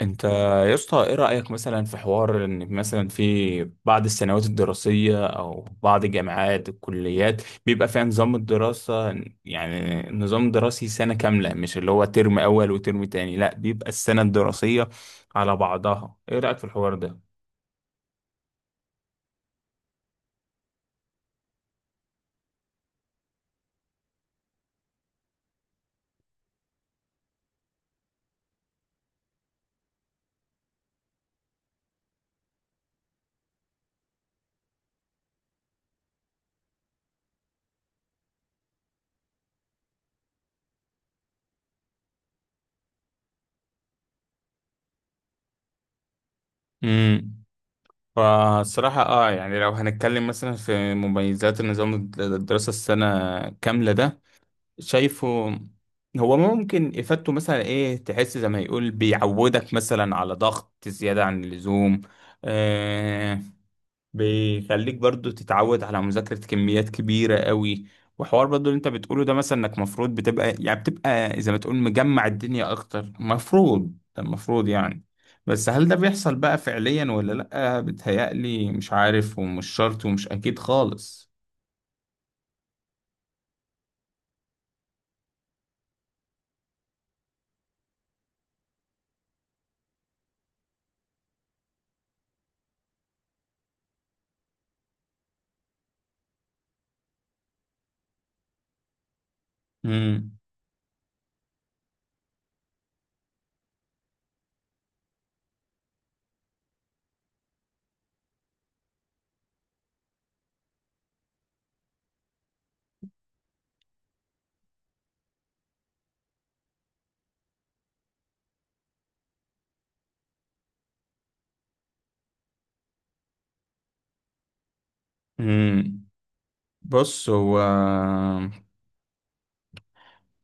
انت، يا اسطى، ايه رأيك مثلا في حوار ان مثلا في بعض السنوات الدراسية او بعض الجامعات الكليات بيبقى فيها نظام الدراسة، يعني نظام دراسي سنة كاملة، مش اللي هو ترم اول وترم تاني، لا بيبقى السنة الدراسية على بعضها. ايه رأيك في الحوار ده؟ امم فالصراحة يعني لو هنتكلم مثلا في مميزات النظام الدراسة السنة كاملة ده، شايفه هو ممكن إفادته مثلا إيه، تحس زي ما يقول بيعودك مثلا على ضغط زيادة عن اللزوم. آه بيخليك برضو تتعود على مذاكرة كميات كبيرة قوي. وحوار برضو اللي أنت بتقوله ده، مثلا إنك مفروض بتبقى يعني بتبقى زي ما تقول مجمع الدنيا أكتر، مفروض ده المفروض يعني. بس هل ده بيحصل بقى فعليا ولا لأ؟ بتهيألي مش عارف، ومش شرط، ومش أكيد خالص. مم. مم. بص، هو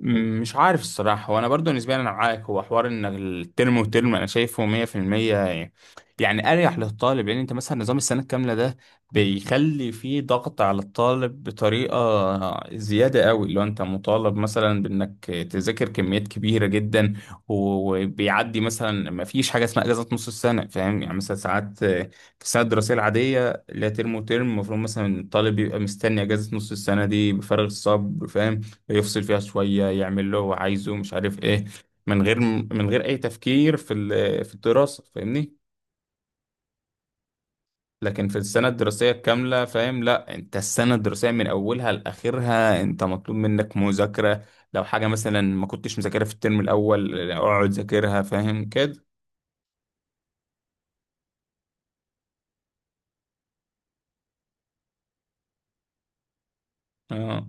مش عارف الصراحة، وانا برضو نسبيا انا معاك. هو حوار ان الترم وترم انا شايفه 100%، يعني يعني اريح للطالب، لان انت مثلا نظام السنة الكاملة ده بيخلي فيه ضغط على الطالب بطريقة زيادة قوي، لو انت مطالب مثلا بانك تذاكر كميات كبيرة جدا. وبيعدي مثلا، ما فيش حاجة اسمها اجازة نص السنة، فاهم يعني؟ مثلا ساعات في السنة الدراسية العادية، لا ترم وترم، المفروض مثلا الطالب بيبقى مستني اجازة نص السنة دي بفارغ الصبر، فاهم؟ يفصل فيها شوية، يعمل اللي هو عايزه، مش عارف ايه، من غير اي تفكير في الدراسة، فاهمني؟ لكن في السنة الدراسية الكاملة، فاهم، لا انت السنة الدراسية من اولها لاخرها انت مطلوب منك مذاكرة. لو حاجة مثلا ما كنتش مذاكرها في الترم الاول اقعد ذاكرها، فاهم كده؟ اه.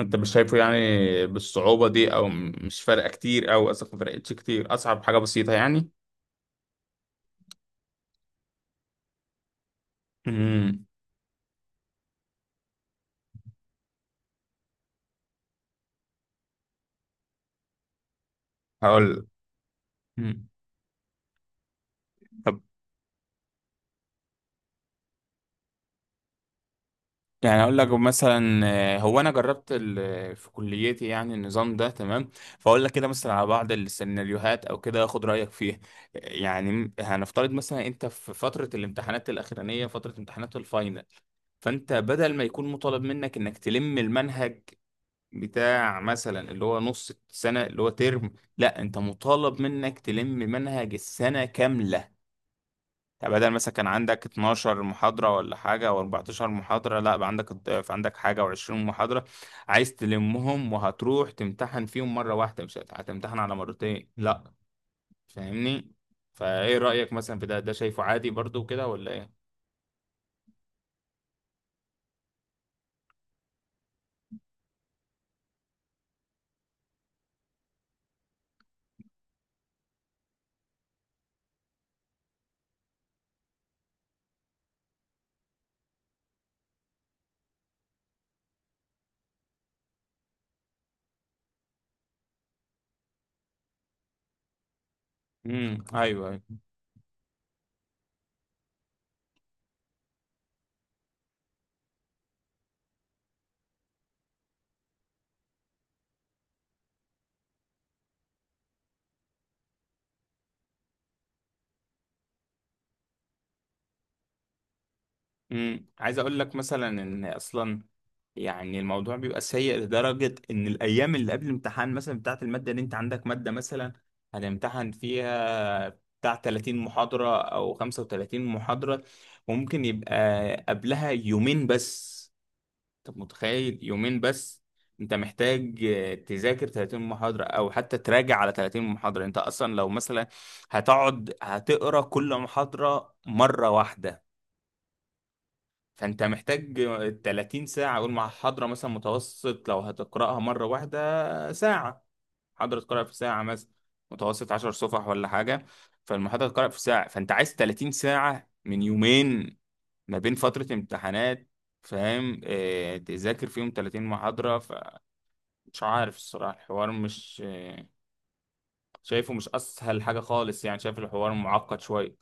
انت مش شايفه يعني بالصعوبة دي، او مش فارقة كتير، او اصلا ما فرقتش كتير، اصعب حاجة بسيطة يعني. امم هقول لك. مم. يعني اقول لك مثلا، هو انا جربت في كليتي يعني النظام ده، تمام؟ فاقول لك كده مثلا على بعض السيناريوهات او كده، اخد رايك فيها. يعني هنفترض مثلا انت في فتره الامتحانات الاخرانيه، فتره امتحانات الفاينل، فانت بدل ما يكون مطالب منك انك تلم المنهج بتاع مثلا اللي هو نص السنه اللي هو ترم، لا انت مطالب منك تلم منهج السنه كامله. يعني بدل مثلا كان عندك 12 محاضرة ولا حاجة او 14 محاضرة، لا بقى عندك الضعف، عندك حاجة و20 محاضرة، عايز تلمهم، وهتروح تمتحن فيهم مرة واحدة، مش هتمتحن على مرتين، لا، فاهمني؟ فايه رأيك مثلا في ده؟ ده شايفه عادي برضو كده ولا ايه؟ ايوه. عايز اقول لك مثلا ان اصلا يعني الموضوع بيبقى سيء، لدرجة ان الايام اللي قبل الامتحان مثلا بتاعة المادة، اللي انت عندك مادة مثلا هتمتحن فيها بتاع 30 محاضرة او 35 محاضرة، ممكن يبقى قبلها يومين بس. طب متخيل؟ يومين بس انت محتاج تذاكر 30 محاضرة، او حتى تراجع على 30 محاضرة. انت اصلا لو مثلا هتقعد هتقرا كل محاضرة مرة واحدة، فانت محتاج 30 ساعة، اقول مع حضرة مثلا متوسط، لو هتقرأها مرة واحدة ساعة، حضرة تقرأ في ساعة مثلا متوسط 10 صفح ولا حاجة، فالمحاضرة تقرأ في ساعة، فانت عايز 30 ساعة من يومين ما بين فترة امتحانات، فاهم؟ اه، تذاكر فيهم 30 محاضرة. فمش عارف الصراحة، الحوار مش شايفه مش اسهل حاجة خالص يعني، شايف الحوار معقد شوية.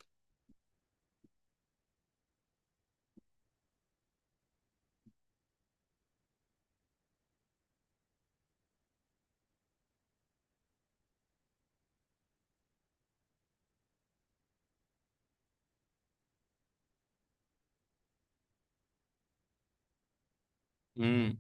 امم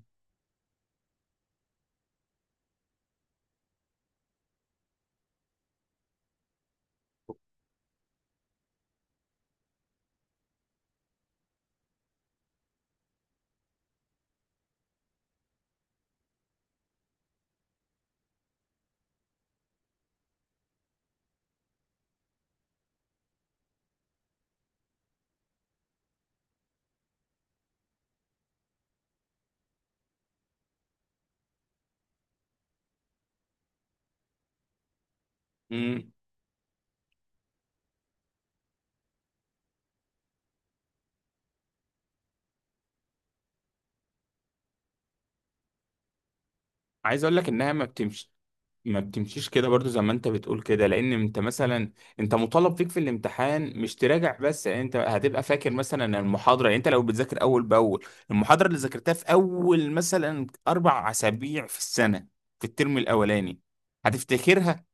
امم عايز اقول لك انها ما بتمشيش كده برضو، زي ما انت بتقول كده، لان انت مثلا انت مطالب فيك في الامتحان مش تراجع بس، يعني انت هتبقى فاكر مثلا ان المحاضره، يعني انت لو بتذاكر اول باول المحاضره اللي ذاكرتها في اول مثلا 4 اسابيع في السنه في الترم الاولاني، هتفتكرها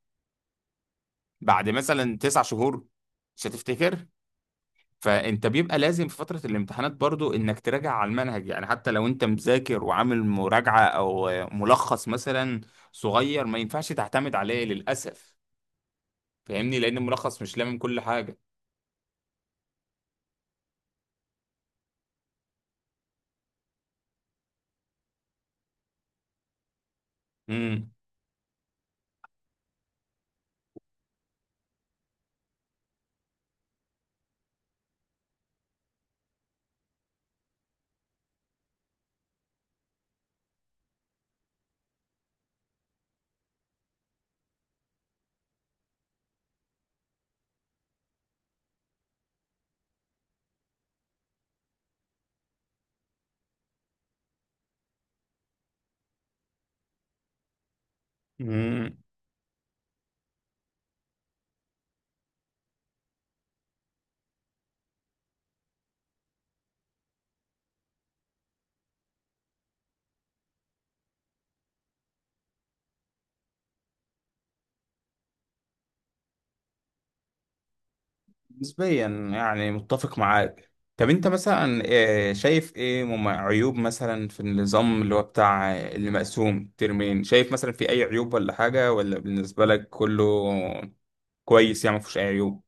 بعد مثلا 9 شهور؟ مش هتفتكر. فانت بيبقى لازم في فتره الامتحانات برضو انك تراجع على المنهج، يعني حتى لو انت مذاكر وعامل مراجعه او ملخص مثلا صغير، ما ينفعش تعتمد عليه للاسف، فاهمني؟ لان الملخص مش لامم كل حاجه. امم مم. نسبيا، يعني متفق معاك. طب انت مثلا، شايف ايه عيوب مثلا في النظام اللي هو بتاع اللي مقسوم ترمين، شايف مثلا في اي عيوب ولا حاجة، ولا بالنسبة لك كله كويس يعني ما فيهوش اي عيوب؟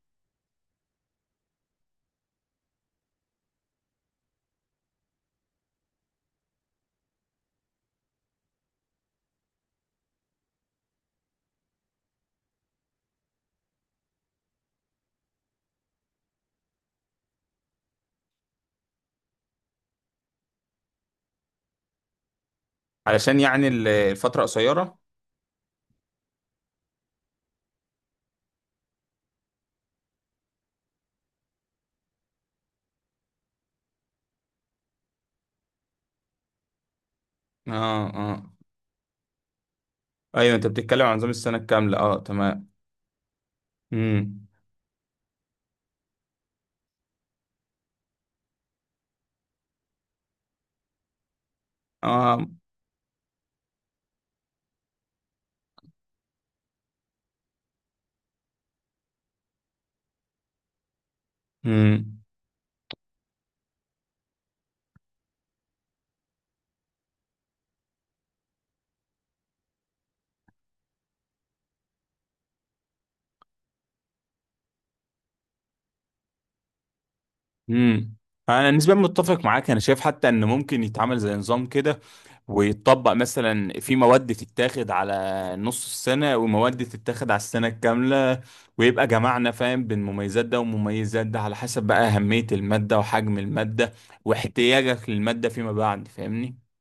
علشان يعني الفترة قصيرة. اه اه، ايوه، انت بتتكلم عن نظام السنة الكاملة، اه تمام. امم اه امم امم انا نسبيا متفق معاك، انا شايف حتى ان ممكن يتعمل زي نظام كده، ويتطبق مثلا في مواد تتاخد على نص السنة، ومواد تتاخد على السنة الكاملة، ويبقى جمعنا فاهم بين مميزات ده ومميزات ده، على حسب بقى أهمية المادة وحجم المادة واحتياجك للمادة فيما بعد، فاهمني؟